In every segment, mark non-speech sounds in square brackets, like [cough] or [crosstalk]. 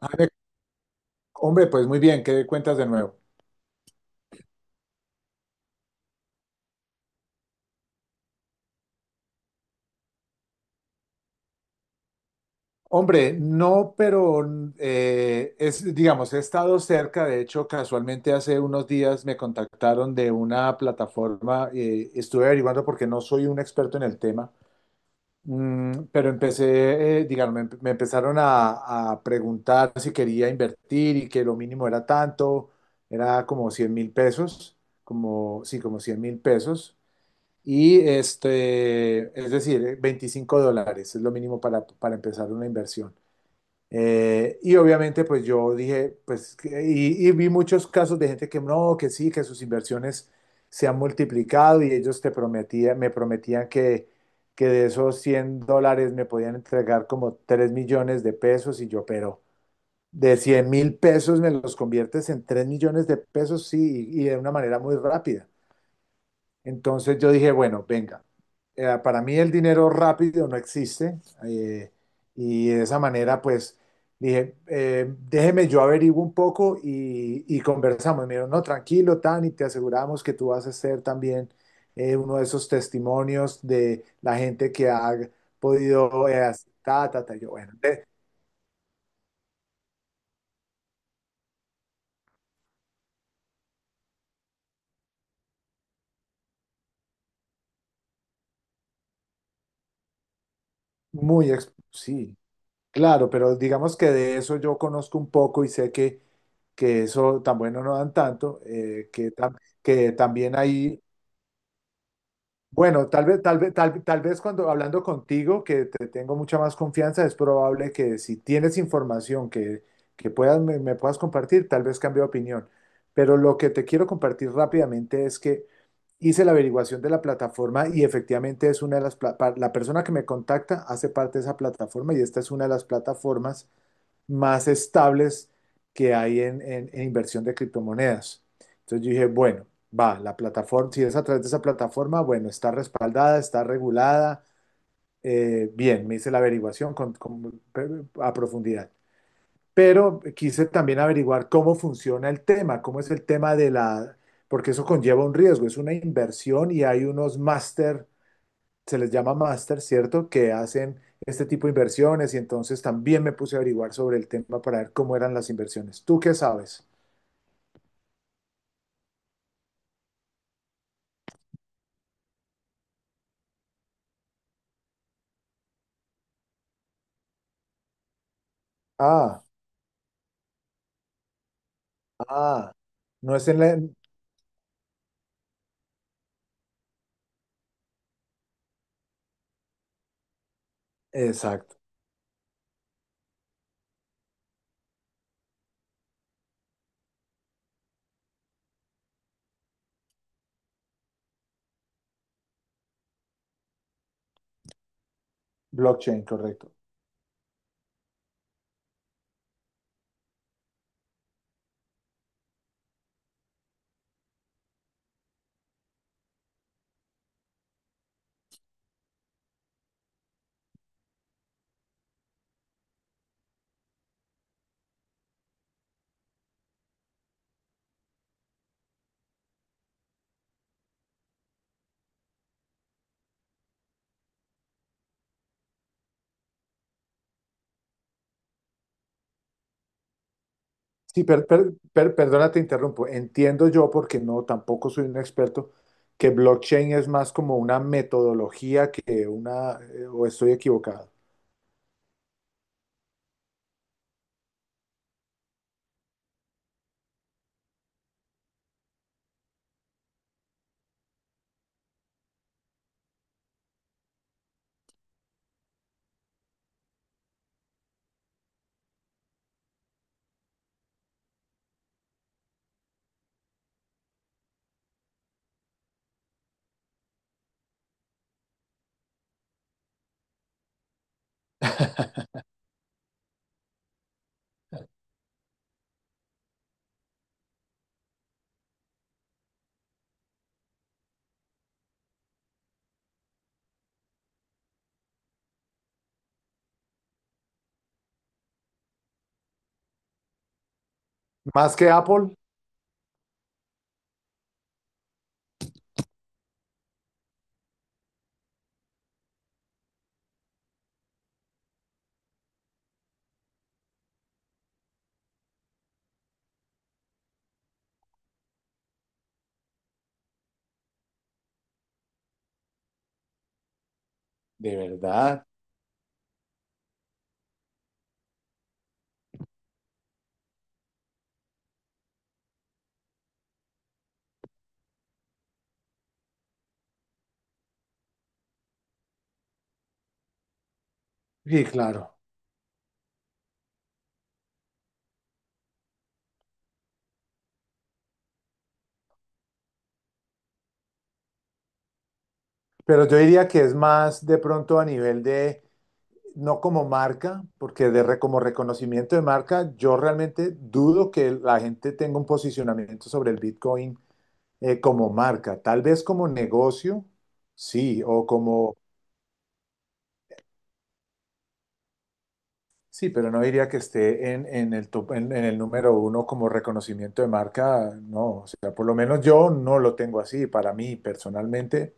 Eh, Hombre, pues muy bien, ¿qué cuentas de nuevo? Hombre, no, pero es, digamos, he estado cerca, de hecho, casualmente hace unos días me contactaron de una plataforma, estuve averiguando porque no soy un experto en el tema, pero empecé, digamos, me empezaron a preguntar si quería invertir y que lo mínimo era tanto, era como 100.000 pesos, como, sí, como 100.000 pesos. Y este, es decir, $25 es lo mínimo para empezar una inversión. Y obviamente, pues yo dije, pues, y vi muchos casos de gente que no, que sí, que sus inversiones se han multiplicado y ellos te prometían, me prometían que de esos 100 dólares me podían entregar como 3.000.000 de pesos y yo, pero de 100.000 pesos me los conviertes en 3.000.000 de pesos, sí, y de una manera muy rápida. Entonces yo dije, bueno, venga, para mí el dinero rápido no existe, eh, y de esa manera pues dije, déjeme yo averiguo un poco y conversamos. Y me dijeron, no, tranquilo, Tan, y te aseguramos que tú vas a ser también, uno de esos testimonios de la gente que ha podido, hacer ta, ta, ta. Y yo, bueno, sí, claro, pero digamos que de eso yo conozco un poco y sé que eso tan bueno no dan tanto, que, que también ahí, bueno, tal vez cuando hablando contigo, que te tengo mucha más confianza, es probable que si tienes información que puedas, me puedas compartir, tal vez cambie de opinión. Pero lo que te quiero compartir rápidamente es que hice la averiguación de la plataforma y efectivamente es una de las, la persona que me contacta hace parte de esa plataforma y esta es una de las plataformas más estables que hay en inversión de criptomonedas. Entonces yo dije, bueno, va, la plataforma, si es a través de esa plataforma, bueno, está respaldada, está regulada, bien, me hice la averiguación a profundidad. Pero quise también averiguar cómo funciona el tema, cómo es el tema de la, porque eso conlleva un riesgo, es una inversión y hay unos máster, se les llama máster, ¿cierto? Que hacen este tipo de inversiones y entonces también me puse a averiguar sobre el tema para ver cómo eran las inversiones. ¿Tú qué sabes? Ah, ah, no es en la... Exacto, blockchain, correcto. Sí, perdona, te interrumpo. Entiendo yo, porque no, tampoco soy un experto, que blockchain es más como una metodología que una, o estoy equivocado. Más que Apple. De verdad. Sí, claro. Pero yo diría que es más de pronto a nivel de no como marca, porque como reconocimiento de marca, yo realmente dudo que la gente tenga un posicionamiento sobre el Bitcoin como marca. Tal vez como negocio, sí, o como, sí, pero no diría que esté en el en el número uno como reconocimiento de marca, no. O sea, por lo menos yo no lo tengo así para mí personalmente.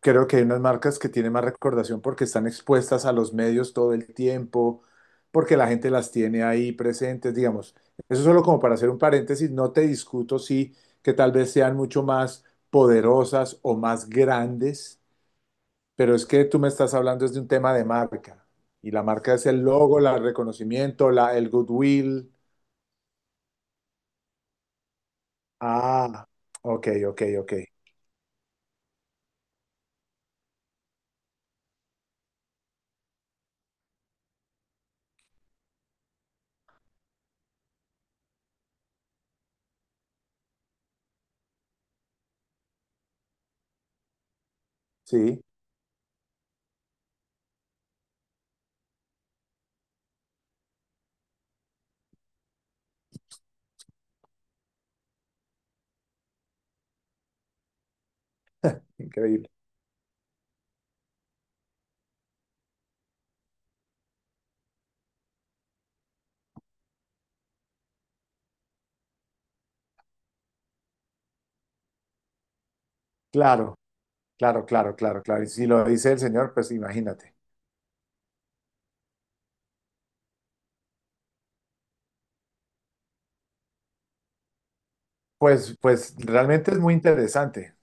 Creo que hay unas marcas que tienen más recordación porque están expuestas a los medios todo el tiempo, porque la gente las tiene ahí presentes, digamos. Eso solo como para hacer un paréntesis, no te discuto sí que tal vez sean mucho más poderosas o más grandes, pero es que tú me estás hablando es de un tema de marca. Y la marca es el logo, el reconocimiento, la, el goodwill. Ah, ok, ok, ok. Sí, increíble. Claro, claro, claro, claro, claro. Y si lo dice el señor, pues imagínate. Pues, pues realmente es muy interesante.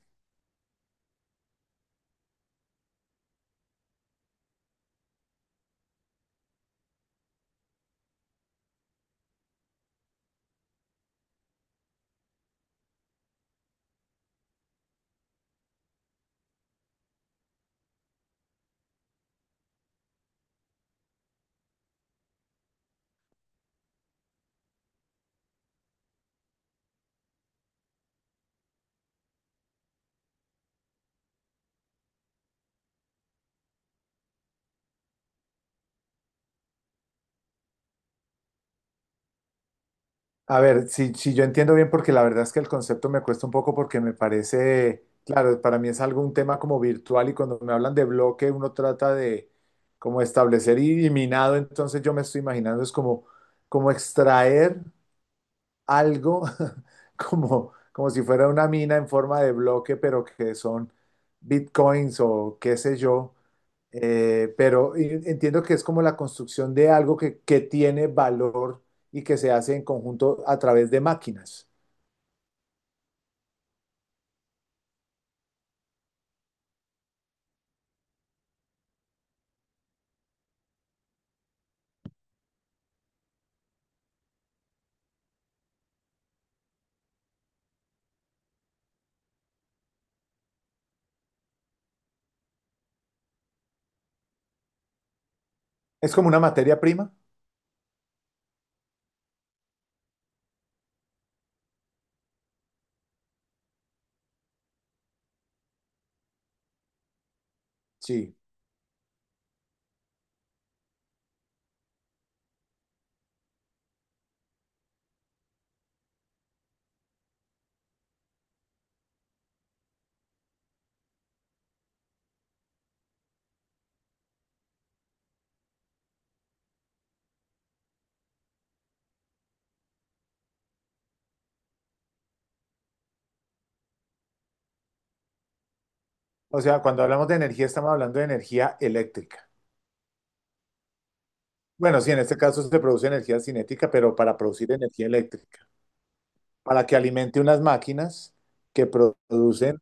A ver, si, si yo entiendo bien, porque la verdad es que el concepto me cuesta un poco porque me parece, claro, para mí es algo un tema como virtual y cuando me hablan de bloque uno trata de como establecer y minado, entonces yo me estoy imaginando es como, como extraer algo [laughs] como, como si fuera una mina en forma de bloque, pero que son bitcoins o qué sé yo. Pero entiendo que es como la construcción de algo que tiene valor y que se hace en conjunto a través de máquinas. ¿Es como una materia prima? Sí. O sea, cuando hablamos de energía, estamos hablando de energía eléctrica. Bueno, sí, en este caso se produce energía cinética, pero para producir energía eléctrica, para que alimente unas máquinas que producen.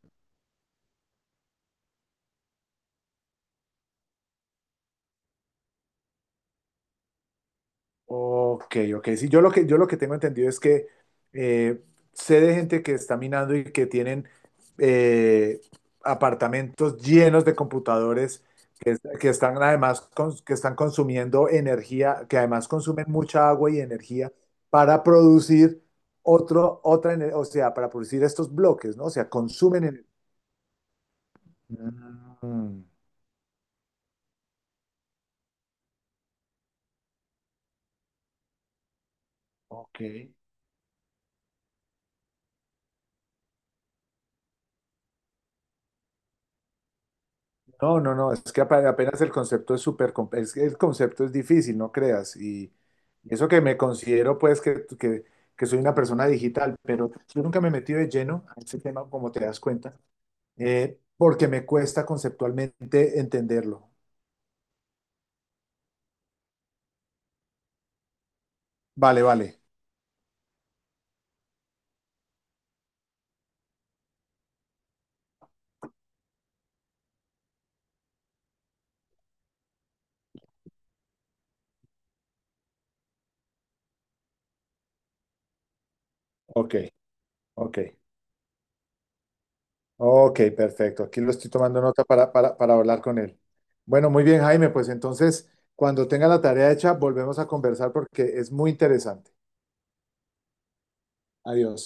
Ok, ok. Sí, yo lo que tengo entendido es que, eh, sé de gente que está minando y que tienen, eh, apartamentos llenos de computadores que, que están además que están consumiendo energía, que además consumen mucha agua y energía para producir otro, otra, o sea, para producir estos bloques, ¿no? O sea, consumen energía. Mm, ok. No, no, no, es que apenas el concepto es súper, es que el concepto es difícil, no creas. Y eso que me considero, pues, que soy una persona digital, pero yo nunca me he metido de lleno a ese tema, como te das cuenta, porque me cuesta conceptualmente entenderlo. Vale, vale. Ok, ok. Ok, perfecto. Aquí lo estoy tomando nota para hablar con él. Bueno, muy bien, Jaime, pues entonces, cuando tenga la tarea hecha, volvemos a conversar porque es muy interesante. Adiós.